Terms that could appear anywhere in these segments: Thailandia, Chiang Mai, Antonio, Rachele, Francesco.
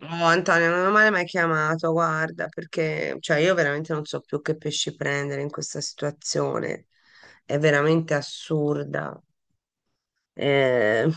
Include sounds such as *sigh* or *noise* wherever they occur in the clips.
Oh, Antonio, non mi hai mai chiamato, guarda, perché cioè, io veramente non so più che pesci prendere in questa situazione. È veramente assurda. Eh,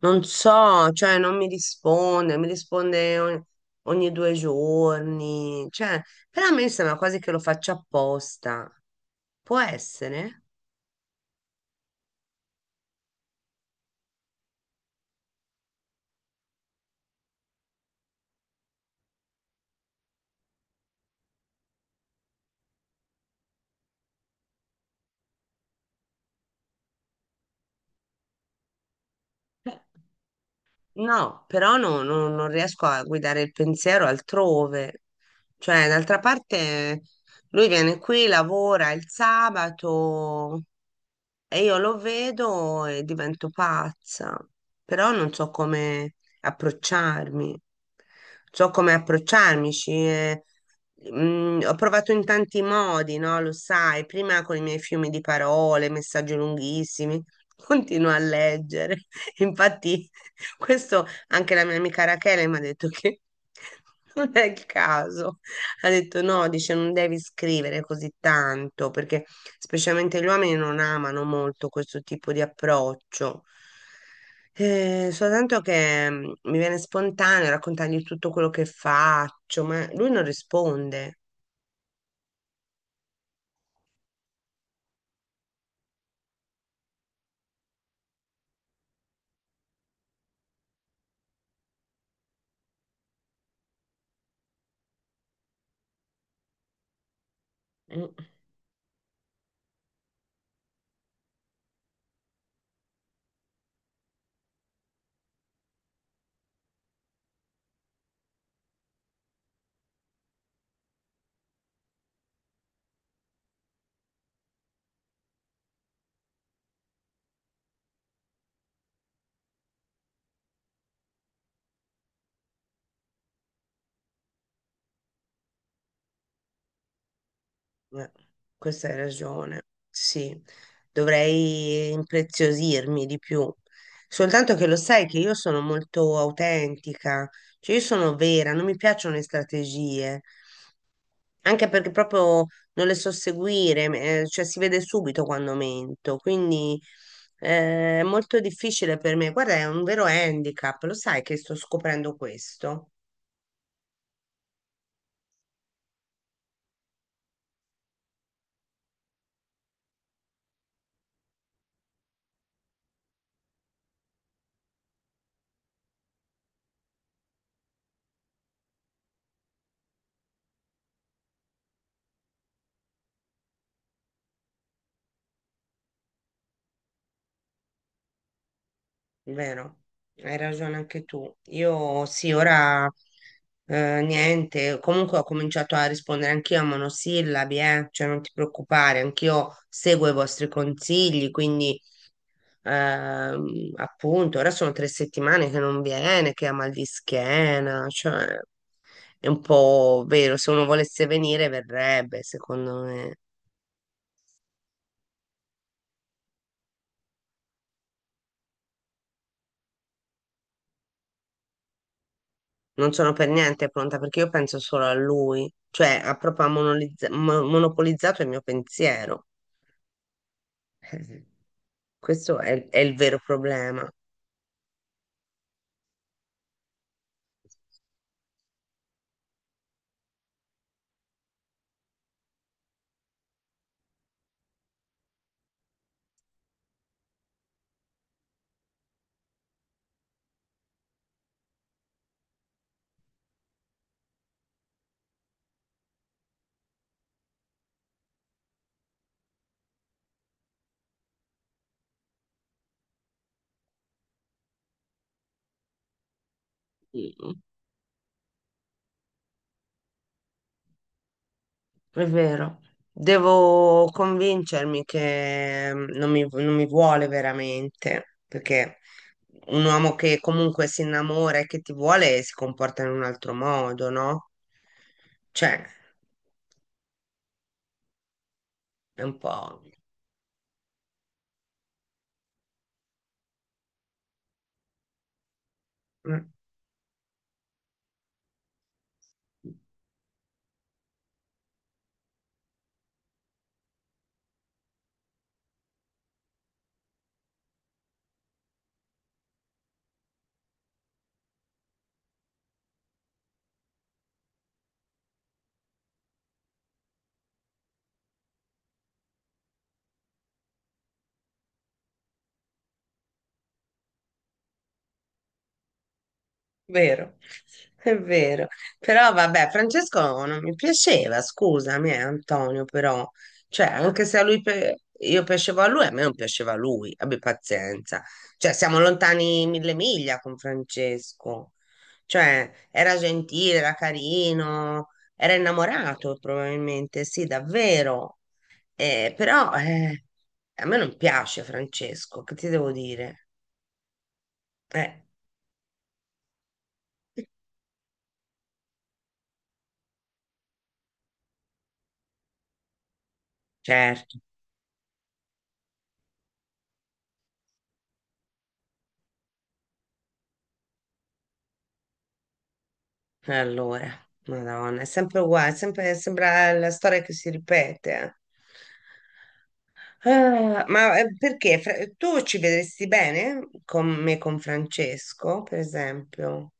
Non so, cioè, non mi risponde, mi risponde ogni due giorni. Cioè, però a me sembra quasi che lo faccia apposta. Può essere? No, però non riesco a guidare il pensiero altrove. Cioè, d'altra parte, lui viene qui, lavora il sabato, e io lo vedo e divento pazza, però non so come approcciarmi. So come approcciarmi. Ho provato in tanti modi, no? Lo sai, prima con i miei fiumi di parole, messaggi lunghissimi, *laughs* continuo a leggere. *laughs* Infatti, questo anche la mia amica Rachele mi ha detto che *laughs* non è il caso. Ha detto no, dice non devi scrivere così tanto perché specialmente gli uomini non amano molto questo tipo di approccio. Soltanto che mi viene spontaneo raccontargli tutto quello che faccio, ma lui non risponde. Mm. Eh, Questa hai ragione, sì, dovrei impreziosirmi di più. Soltanto che lo sai che io sono molto autentica, cioè io sono vera, non mi piacciono le strategie, anche perché proprio non le so seguire, cioè si vede subito quando mento, quindi è molto difficile per me. Guarda, è un vero handicap, lo sai che sto scoprendo questo. Vero, hai ragione anche tu. Io sì, ora niente, comunque ho cominciato a rispondere anch'io a monosillabi, cioè non ti preoccupare, anch'io seguo i vostri consigli, quindi appunto, ora sono 3 settimane che non viene, che ha mal di schiena, cioè è un po' vero, se uno volesse venire verrebbe, secondo me. Non sono per niente pronta perché io penso solo a lui, cioè ha proprio monopolizzato il mio pensiero. Eh, Questo è il vero problema. Mm, è vero. Devo convincermi che non mi vuole veramente, perché un uomo che comunque si innamora e che ti vuole si comporta in un altro modo, no? Cioè, è un po'... Mm. Vero, è vero. Però vabbè, Francesco non mi piaceva, scusami, Antonio, però, cioè, anche se a io piacevo a lui, a me non piaceva a lui, abbi pazienza. Cioè, siamo lontani 1.000 miglia con Francesco. Cioè, era gentile, era carino, era innamorato probabilmente, sì, davvero. Però a me non piace Francesco, che ti devo dire? Eh, certo. E allora, Madonna, è sempre uguale, è sempre, sembra la storia che si ripete. Eh. Ah, ma perché? Tu ci vedresti bene con me, con Francesco, per esempio?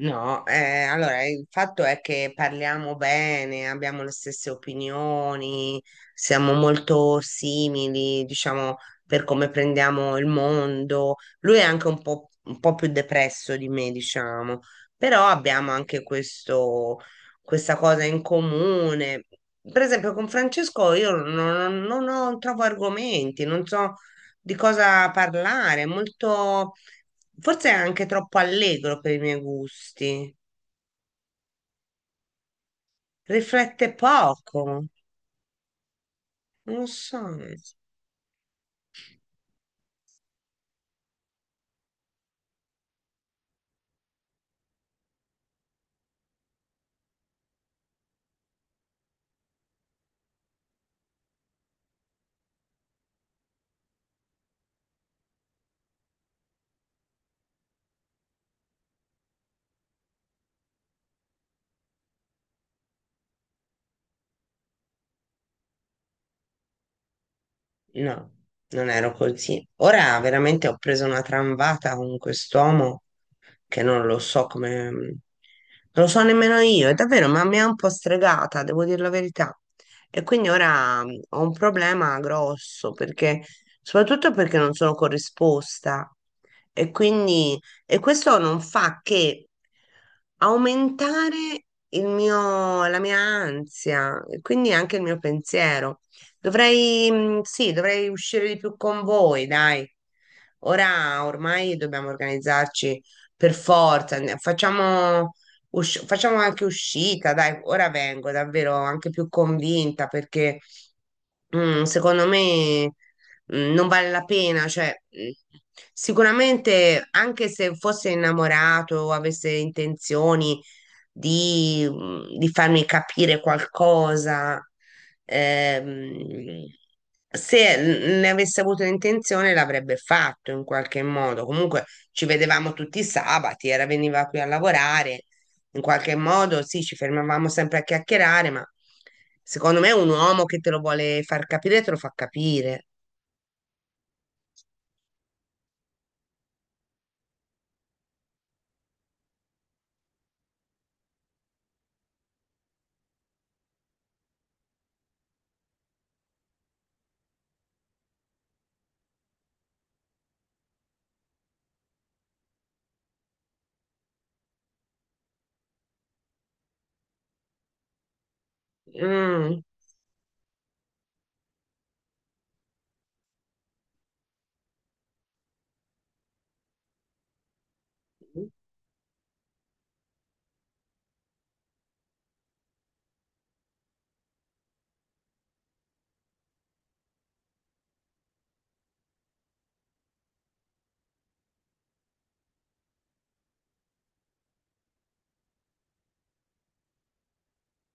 No, allora il fatto è che parliamo bene, abbiamo le stesse opinioni, siamo molto simili, diciamo, per come prendiamo il mondo. Lui è anche un un po' più depresso di me, diciamo, però abbiamo anche questa cosa in comune. Per esempio, con Francesco io non, non- non ho- trovo argomenti, non so di cosa parlare, molto, forse è anche troppo allegro per i miei gusti, riflette poco, non lo so. No, non ero così. Ora veramente ho preso una tramvata con quest'uomo che non lo so come... Non lo so nemmeno io, è davvero, ma mi ha un po' stregata, devo dire la verità. E quindi ora ho un problema grosso, perché... soprattutto perché non sono corrisposta. E quindi... e questo non fa che aumentare la mia ansia, e quindi anche il mio pensiero. Sì, dovrei uscire di più con voi, dai. Ora ormai dobbiamo organizzarci per forza. Facciamo, facciamo anche uscita, dai. Ora vengo davvero anche più convinta perché secondo me non vale la pena. Cioè, mm, sicuramente anche se fosse innamorato o avesse intenzioni di, di farmi capire qualcosa. Ehm, se ne avesse avuto l'intenzione l'avrebbe fatto in qualche modo. Comunque ci vedevamo tutti i sabati, veniva qui a lavorare. In qualche modo sì, ci fermavamo sempre a chiacchierare, ma secondo me un uomo che te lo vuole far capire, te lo fa capire. Mm.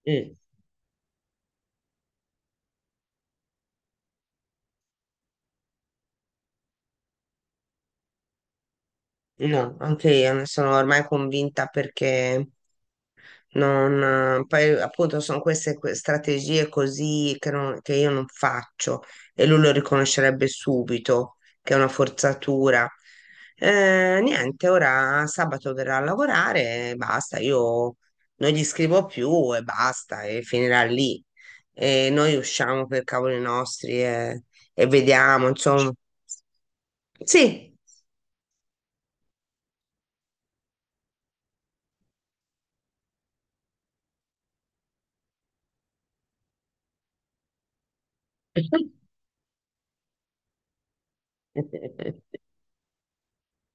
Mm. No, anche io ne sono ormai convinta perché Non, poi appunto sono queste strategie così che io non faccio e lui lo riconoscerebbe subito che è una forzatura. Niente, ora sabato verrà a lavorare e basta, io non gli scrivo più e basta e finirà lì. E noi usciamo per cavoli nostri e vediamo, insomma. Sì.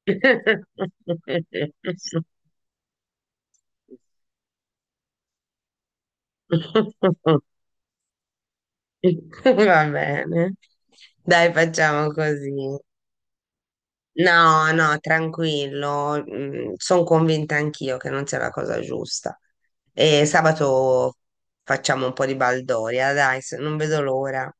*laughs* *laughs* Va bene. Dai, facciamo così. No, no, tranquillo. Sono convinta anch'io che non sia la cosa giusta. E sabato facciamo un po' di baldoria, dai, se- non vedo l'ora.